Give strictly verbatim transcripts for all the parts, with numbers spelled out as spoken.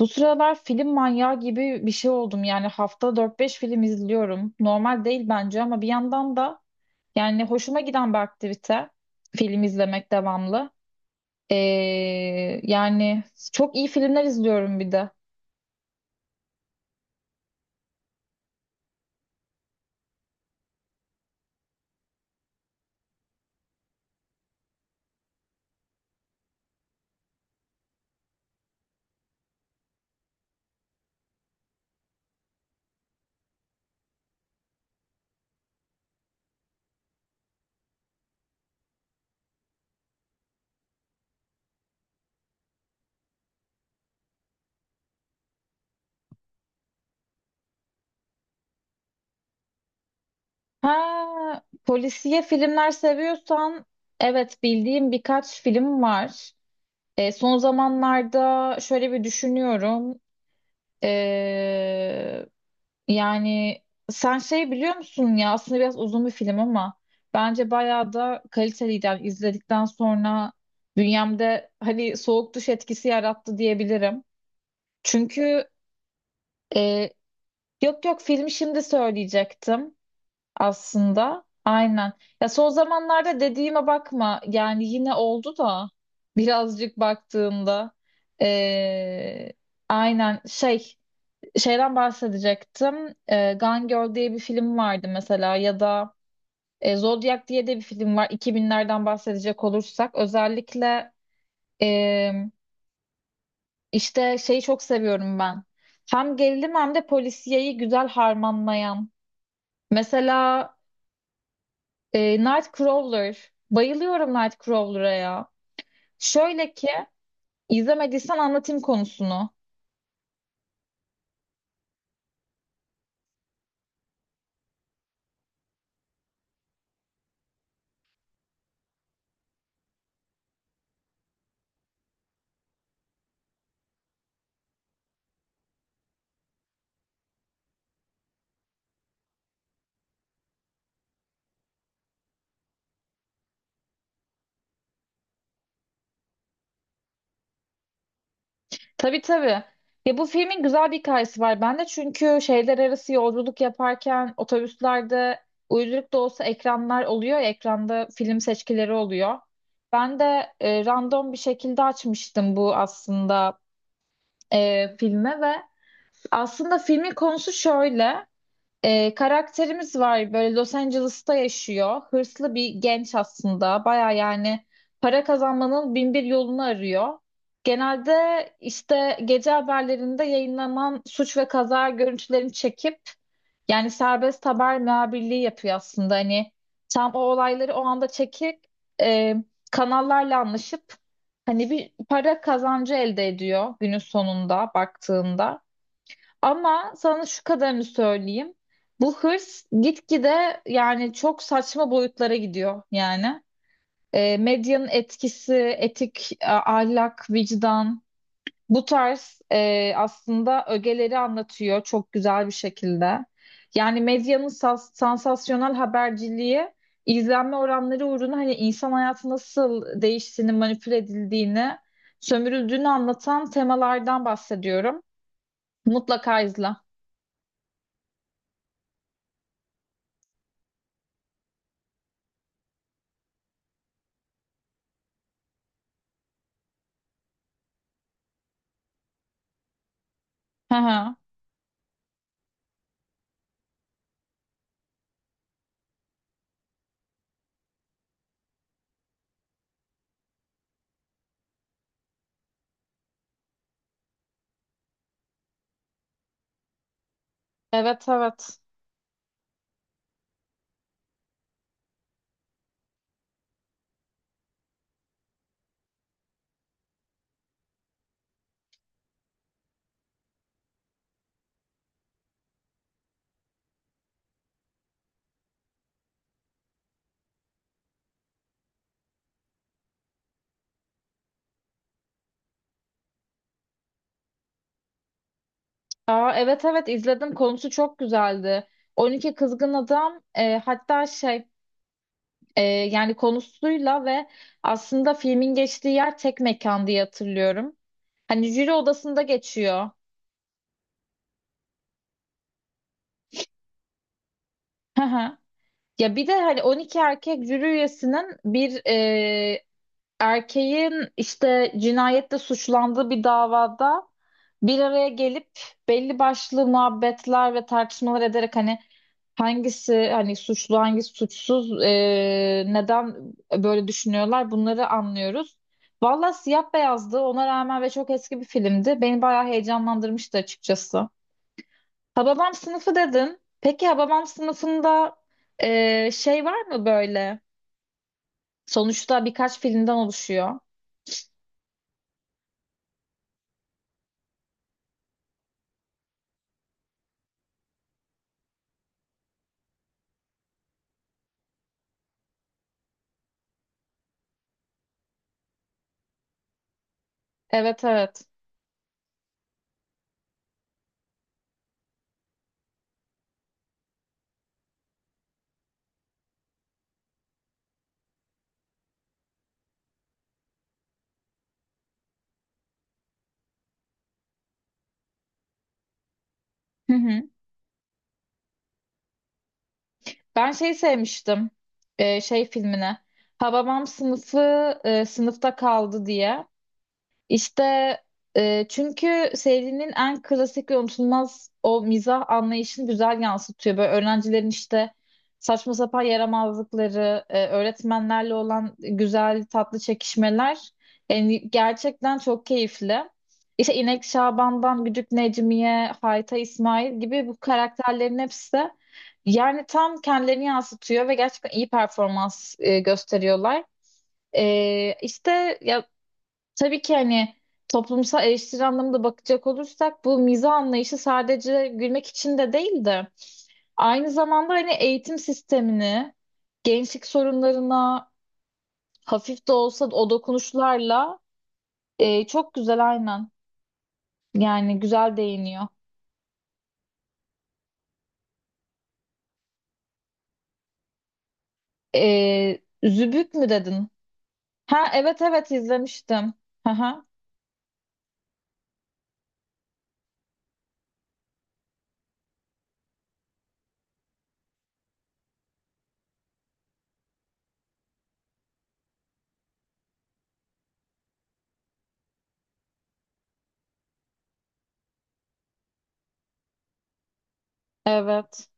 Bu sıralar film manyağı gibi bir şey oldum. Yani hafta dört beş film izliyorum. Normal değil bence ama bir yandan da yani hoşuma giden bir aktivite film izlemek devamlı. Ee, yani çok iyi filmler izliyorum bir de. Ha, Polisiye filmler seviyorsan evet bildiğim birkaç film var. Ee, son zamanlarda şöyle bir düşünüyorum. Ee, Yani sen şey biliyor musun ya aslında biraz uzun bir film ama bence bayağı da kaliteliydi. Yani izledikten sonra bünyemde hani soğuk duş etkisi yarattı diyebilirim. Çünkü e, yok yok filmi şimdi söyleyecektim aslında. Aynen. Ya son zamanlarda dediğime bakma yani yine oldu da birazcık baktığımda. E, aynen şey. Şeyden bahsedecektim. E, Gone Girl diye bir film vardı mesela ya da e, Zodiac diye de bir film var. İki binlerden bahsedecek olursak özellikle e, işte şeyi çok seviyorum ben. Hem gerilim hem de polisiyeyi güzel harmanlayan. Mesela e, Nightcrawler. Bayılıyorum Nightcrawler'a ya. Şöyle ki izlemediysen anlatayım konusunu. Tabii tabii. Ya bu filmin güzel bir hikayesi var bende. Çünkü şehirler arası yolculuk yaparken otobüslerde uyduruk da olsa ekranlar oluyor. ya, Ekranda film seçkileri oluyor. Ben de e, random bir şekilde açmıştım bu aslında e, filme ve aslında filmin konusu şöyle. Ee, karakterimiz var böyle Los Angeles'ta yaşıyor. Hırslı bir genç aslında. Baya yani para kazanmanın bin bir yolunu arıyor. Genelde işte gece haberlerinde yayınlanan suç ve kaza görüntülerini çekip yani serbest haber muhabirliği yapıyor aslında. Hani tam o olayları o anda çekip e, kanallarla anlaşıp hani bir para kazancı elde ediyor günün sonunda baktığında. Ama sana şu kadarını söyleyeyim. Bu hırs gitgide yani çok saçma boyutlara gidiyor yani. E, medyanın etkisi, etik, a- ahlak, vicdan bu tarz e, aslında ögeleri anlatıyor çok güzel bir şekilde. Yani medyanın sas- sansasyonel haberciliği izlenme oranları uğruna hani insan hayatı nasıl değiştiğini, manipüle edildiğini, sömürüldüğünü anlatan temalardan bahsediyorum. Mutlaka izle. Hı hı. Evet evet. Aa, evet evet izledim. Konusu çok güzeldi. on iki Kızgın Adam, e, hatta şey, e, yani konusuyla ve aslında filmin geçtiği yer tek mekan diye hatırlıyorum. Hani jüri odasında geçiyor. Hı hı. Ya bir de hani on iki erkek jüri üyesinin bir e, erkeğin işte cinayette suçlandığı bir davada bir araya gelip belli başlı muhabbetler ve tartışmalar ederek hani hangisi hani suçlu, hangisi suçsuz, e, neden böyle düşünüyorlar bunları anlıyoruz. Valla siyah beyazdı ona rağmen ve çok eski bir filmdi. Beni bayağı heyecanlandırmıştı açıkçası. Hababam sınıfı dedin. Peki Hababam sınıfında e, şey var mı böyle? Sonuçta birkaç filmden oluşuyor. Evet evet. Hı hı. Ben şeyi sevmiştim. Ee, şey filmine. Hababam sınıfı e, sınıfta kaldı diye. İşte e, çünkü serinin en klasik ve unutulmaz o mizah anlayışını güzel yansıtıyor. Böyle öğrencilerin işte saçma sapan yaramazlıkları, e, öğretmenlerle olan güzel tatlı çekişmeler yani gerçekten çok keyifli. İşte İnek Şaban'dan Güdük Necmiye, Hayta İsmail gibi bu karakterlerin hepsi yani tam kendilerini yansıtıyor ve gerçekten iyi performans e, gösteriyorlar. Ee, işte ya tabii ki hani toplumsal eleştiri anlamında bakacak olursak bu mizah anlayışı sadece gülmek için de değil de aynı zamanda hani eğitim sistemini, gençlik sorunlarına hafif de olsa o dokunuşlarla e, çok güzel, aynen, yani güzel değiniyor. E, Zübük mü dedin? Ha evet evet izlemiştim. Hı hı, evet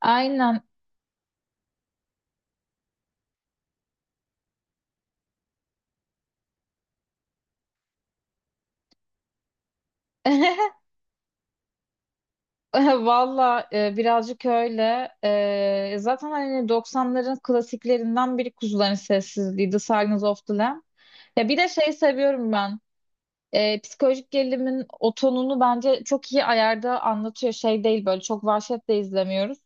aynen. Valla e, birazcık öyle. E, zaten hani doksanların klasiklerinden biri Kuzuların Sessizliği, The Silence of the Lamb. Ya bir de şey seviyorum ben. E, psikolojik gerilimin o tonunu bence çok iyi ayarda anlatıyor. Şey değil, böyle çok vahşetle izlemiyoruz.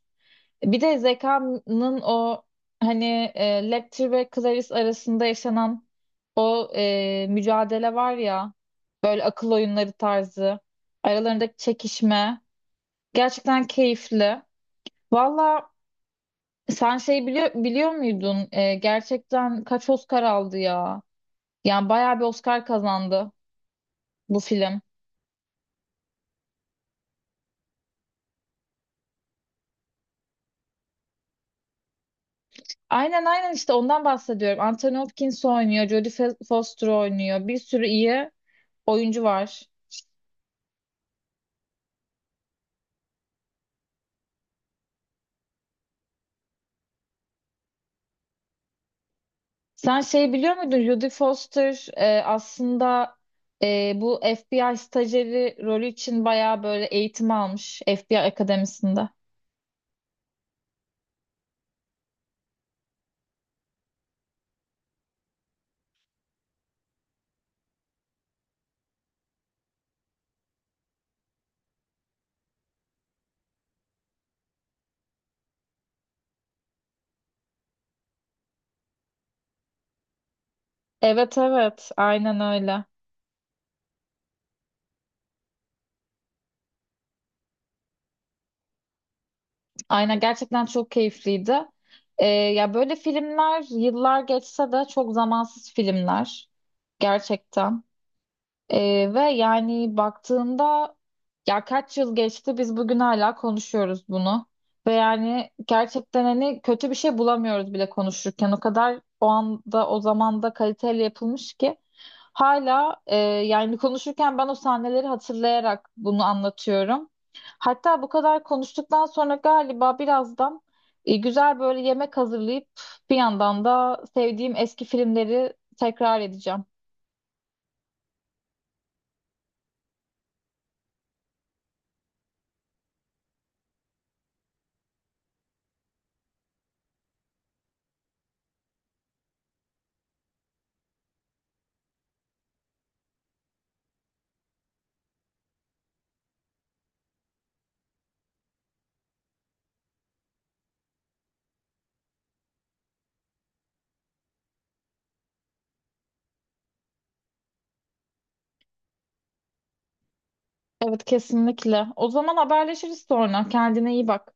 Bir de Zeka'nın o hani e, Lecter ve Clarice arasında yaşanan o e, mücadele var ya, böyle akıl oyunları tarzı aralarındaki çekişme gerçekten keyifli. Valla sen şey biliyor, biliyor muydun? Ee, gerçekten kaç Oscar aldı ya? Yani bayağı bir Oscar kazandı bu film. Aynen aynen işte ondan bahsediyorum. Anthony Hopkins oynuyor, Jodie Fe- Foster oynuyor. Bir sürü iyi oyuncu var. Sen şey biliyor muydun? Jodie Foster e, aslında e, bu F B I stajyeri rolü için bayağı böyle eğitim almış F B I akademisinde. Evet evet aynen öyle. Aynen gerçekten çok keyifliydi. Ee, ya böyle filmler yıllar geçse de çok zamansız filmler gerçekten. Ee, ve yani baktığında ya kaç yıl geçti biz bugün hala konuşuyoruz bunu. Ve yani gerçekten hani kötü bir şey bulamıyoruz bile konuşurken. O kadar o anda o zamanda kaliteli yapılmış ki. Hala e, yani konuşurken ben o sahneleri hatırlayarak bunu anlatıyorum. Hatta bu kadar konuştuktan sonra galiba birazdan e, güzel böyle yemek hazırlayıp bir yandan da sevdiğim eski filmleri tekrar edeceğim. Evet kesinlikle. O zaman haberleşiriz sonra. Kendine iyi bak.